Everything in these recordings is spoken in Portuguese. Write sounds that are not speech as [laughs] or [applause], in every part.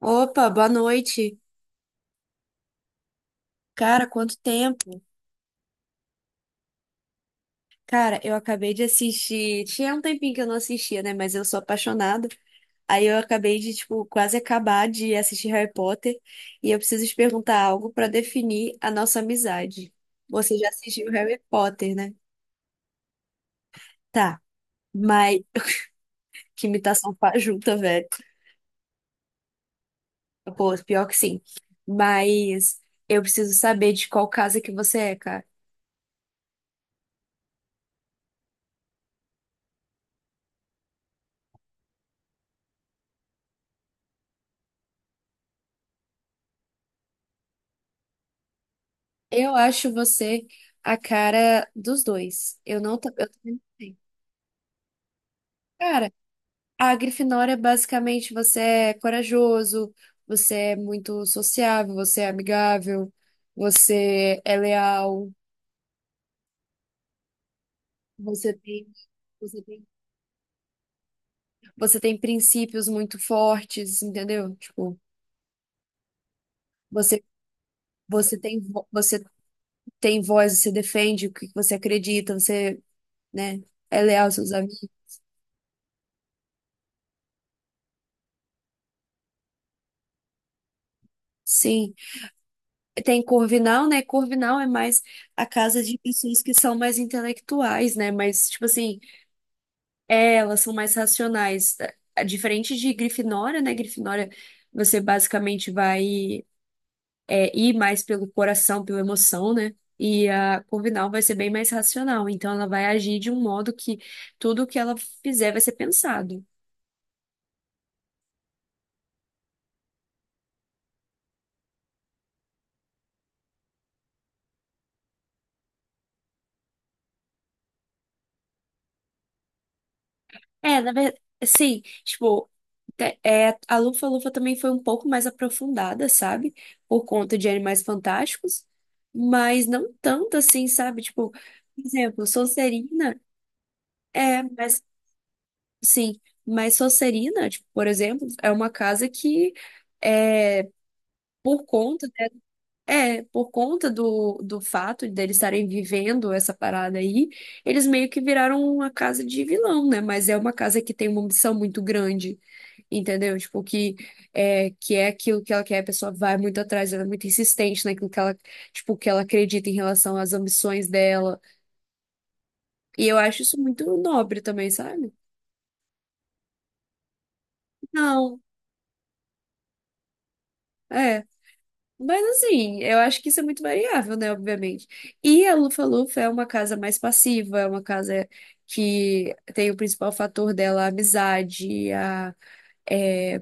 Opa, boa noite. Cara, quanto tempo? Cara, eu acabei de assistir. Tinha um tempinho que eu não assistia, né? Mas eu sou apaixonada. Aí eu acabei de, tipo, quase acabar de assistir Harry Potter. E eu preciso te perguntar algo pra definir a nossa amizade. Você já assistiu Harry Potter, né? Tá, mas que imitação [laughs] fajuta, velho. Pô, pior que sim. Mas eu preciso saber de qual casa que você é, cara. Eu acho você a cara dos dois. Eu não, eu também não tenho. Cara, a Grifinória é basicamente você é corajoso, você é muito sociável, você é amigável, você é leal, você tem, você tem, você tem princípios muito fortes, entendeu? Tipo, você você tem você tem voz, você defende o que você acredita, você, né, é leal aos seus amigos. Sim. Tem Corvinal, né? Corvinal é mais a casa de pessoas que são mais intelectuais, né? Mas, tipo assim, é, elas são mais racionais. É diferente de Grifinória, né? Grifinória, você basicamente vai ir mais pelo coração, pela emoção, né? E a Corvinal vai ser bem mais racional. Então, ela vai agir de um modo que tudo que ela fizer vai ser pensado. É, na verdade, sim, tipo, a Lufa-Lufa também foi um pouco mais aprofundada, sabe? Por conta de Animais Fantásticos, mas não tanto assim, sabe? Tipo, por exemplo, Sonserina é, mas sim, mas Sonserina, tipo, por exemplo, é uma casa que é por conta é, por conta do fato deles estarem vivendo essa parada aí, eles meio que viraram uma casa de vilão, né? Mas é uma casa que tem uma ambição muito grande, entendeu? Tipo, que é aquilo que ela quer, a pessoa vai muito atrás, ela é muito insistente naquilo que ela, tipo, que ela acredita em relação às ambições dela. E eu acho isso muito nobre também, sabe? Não, é. Mas assim, eu acho que isso é muito variável, né? Obviamente. E a Lufa-Lufa é uma casa mais passiva, é uma casa que tem o principal fator dela a amizade, a, é,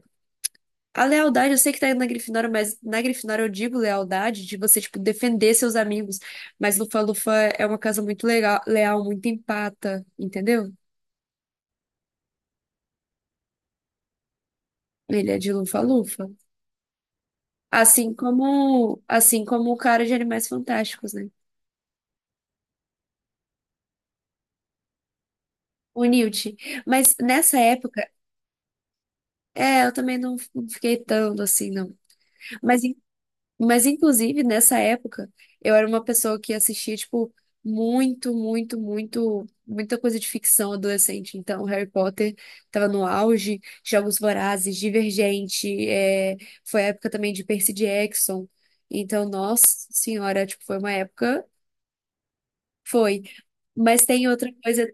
a lealdade. Eu sei que tá indo na Grifinória, mas na Grifinória eu digo lealdade, de você, tipo, defender seus amigos. Mas Lufa-Lufa é uma casa muito legal, leal, muito empata, entendeu? Ele é de Lufa-Lufa. Assim como o cara de Animais Fantásticos, né? O Newt. Mas nessa época. É, eu também não, não fiquei tanto assim, não. Mas, mas, inclusive, nessa época, eu era uma pessoa que assistia, tipo, muito, muito, muito, muita coisa de ficção adolescente. Então, Harry Potter tava no auge, Jogos Vorazes, Divergente, é, foi a época também de Percy Jackson. Então, nossa senhora, tipo, foi uma época. Foi. Mas tem outra coisa.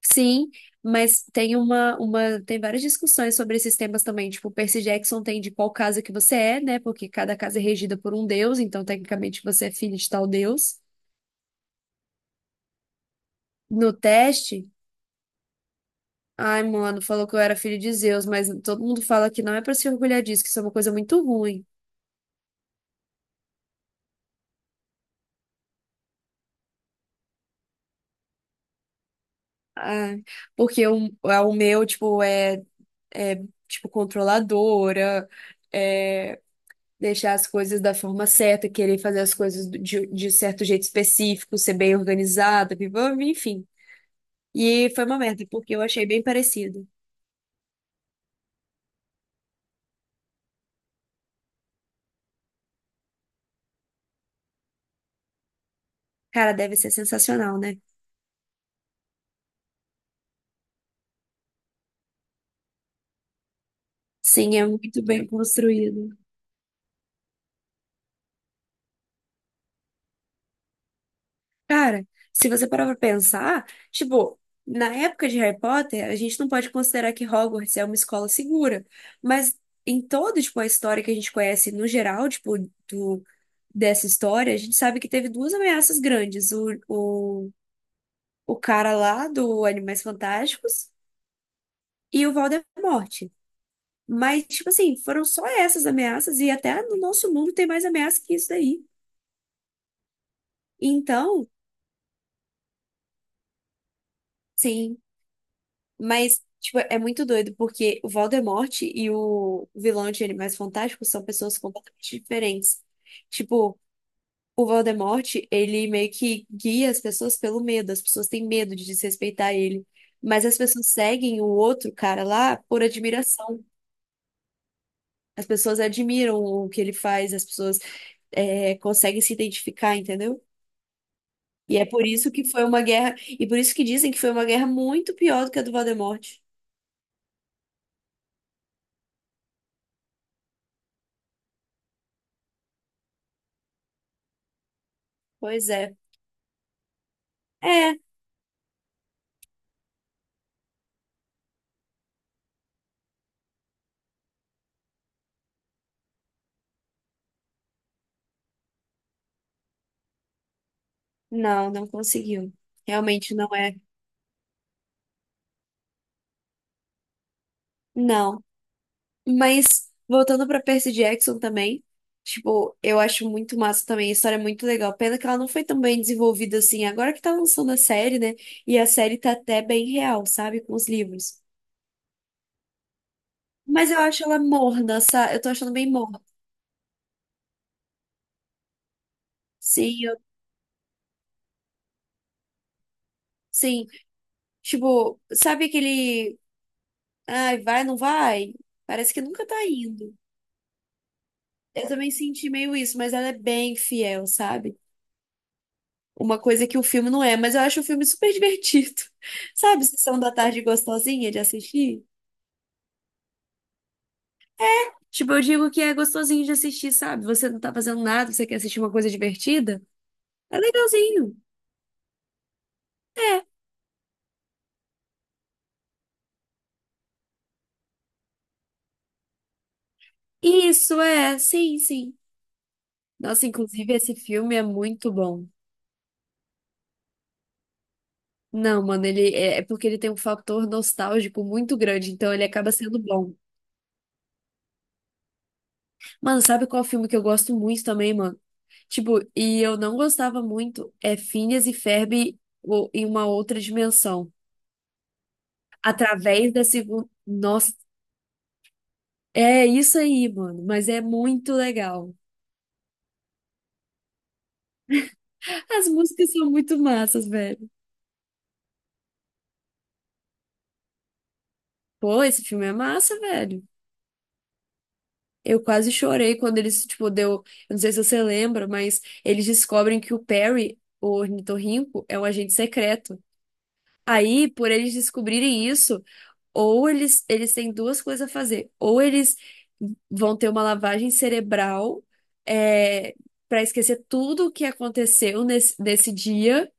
Sim, mas tem tem várias discussões sobre esses temas também. Tipo, o Percy Jackson tem de qual casa que você é, né? Porque cada casa é regida por um deus, então tecnicamente você é filho de tal deus. No teste, ai, mano, falou que eu era filho de Zeus, mas todo mundo fala que não é pra se orgulhar disso, que isso é uma coisa muito ruim. Ah, porque o meu, tipo, é, é tipo controladora. É, deixar as coisas da forma certa, querer fazer as coisas de certo jeito específico, ser bem organizada, enfim. E foi uma merda, porque eu achei bem parecido. Cara, deve ser sensacional, né? Sim, é muito bem construído. Cara, se você parar pra pensar, tipo, na época de Harry Potter, a gente não pode considerar que Hogwarts é uma escola segura, mas em toda, tipo, a história que a gente conhece no geral, tipo, do, dessa história, a gente sabe que teve duas ameaças grandes, o, o cara lá do Animais Fantásticos e o Voldemort. Mas, tipo assim, foram só essas ameaças, e até no nosso mundo tem mais ameaça que isso daí. Então, sim, mas, tipo, é muito doido, porque o Voldemort e o vilão de Animais Fantásticos são pessoas completamente diferentes. Tipo, o Voldemort, ele meio que guia as pessoas pelo medo, as pessoas têm medo de desrespeitar ele. Mas as pessoas seguem o outro cara lá por admiração. As pessoas admiram o que ele faz, as pessoas é, conseguem se identificar, entendeu? E é por isso que foi uma guerra, e por isso que dizem que foi uma guerra muito pior do que a do Voldemort. Pois é. É, não, não conseguiu. Realmente não é. Não. Mas voltando pra Percy Jackson também, tipo, eu acho muito massa também, a história é muito legal. Pena que ela não foi tão bem desenvolvida assim, agora que tá lançando a série, né? E a série tá até bem real, sabe, com os livros. Mas eu acho ela morna, sabe? Eu tô achando bem. Sim, eu, sim. Tipo, sabe aquele. Ai, vai, não vai? Parece que nunca tá indo. Eu também senti meio isso, mas ela é bem fiel, sabe? Uma coisa que o filme não é, mas eu acho o filme super divertido. [laughs] Sabe, sessão da tarde gostosinha de assistir? Tipo, eu digo que é gostosinho de assistir, sabe? Você não tá fazendo nada, você quer assistir uma coisa divertida? É legalzinho. Isso, é, sim, sim. Nossa, inclusive esse filme é muito bom. Não, mano, ele é porque ele tem um fator nostálgico muito grande, então ele acaba sendo bom. Mano, sabe qual filme que eu gosto muito também, mano? Tipo, e eu não gostava muito, é Phineas e Ferb em uma outra dimensão. Através da segunda. Nossa, é isso aí, mano, mas é muito legal. As músicas são muito massas, velho. Pô, esse filme é massa, velho. Eu quase chorei quando eles, tipo, deu. Eu não sei se você lembra, mas eles descobrem que o Perry, o ornitorrinco, é um agente secreto. Aí, por eles descobrirem isso, ou eles têm duas coisas a fazer. Ou eles vão ter uma lavagem cerebral, é, para esquecer tudo o que aconteceu nesse dia,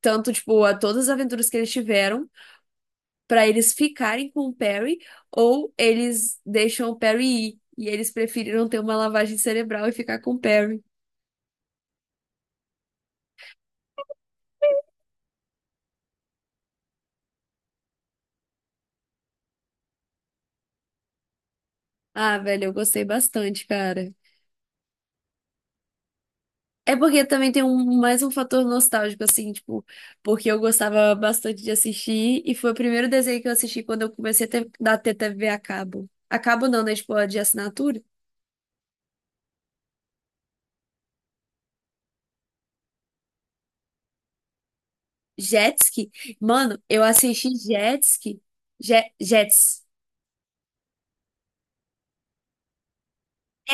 tanto, tipo, a todas as aventuras que eles tiveram, para eles ficarem com o Perry, ou eles deixam o Perry ir e eles preferiram ter uma lavagem cerebral e ficar com o Perry. Ah, velho, eu gostei bastante, cara. É porque também tem um, mais um fator nostálgico, assim, tipo, porque eu gostava bastante de assistir e foi o primeiro desenho que eu assisti quando eu comecei a ter, da TTV a cabo. A cabo não, né? Tipo, a de assinatura. Jetski. Mano, eu assisti Jetski. Je, Jets.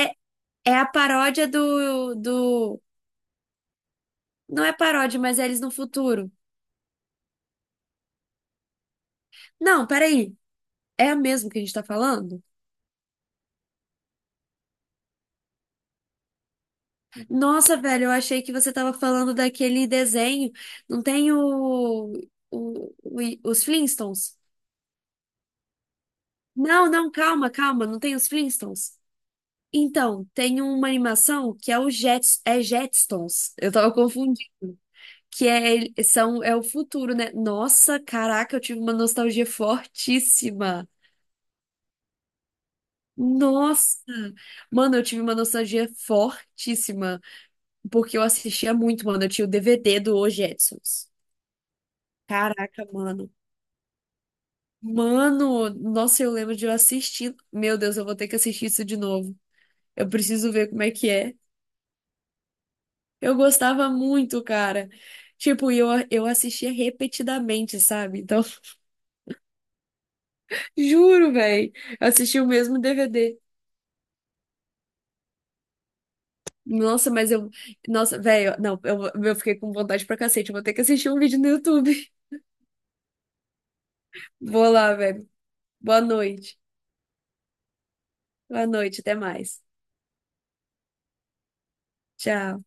É, é a paródia do. Não é paródia, mas é eles no futuro. Não, peraí. É a mesma que a gente tá falando? Nossa, velho, eu achei que você tava falando daquele desenho. Não tem o, os Flintstones? Não, não, calma, calma, não tem os Flintstones. Então, tem uma animação que é o Jets, é Jetstones. Eu tava confundindo. Que é, são, é o futuro, né? Nossa, caraca, eu tive uma nostalgia fortíssima. Nossa! Mano, eu tive uma nostalgia fortíssima, porque eu assistia muito, mano. Eu tinha o DVD do Os Jetsons. Caraca, mano. Mano, nossa, eu lembro de eu assistir. Meu Deus, eu vou ter que assistir isso de novo. Eu preciso ver como é que é. Eu gostava muito, cara. Tipo, eu assistia repetidamente, sabe? Então, [laughs] juro, velho. Eu assisti o mesmo DVD. Nossa, mas eu. Nossa, velho, não, eu fiquei com vontade pra cacete. Eu vou ter que assistir um vídeo no YouTube. [laughs] Vou lá, velho. Boa noite. Boa noite, até mais. Tchau.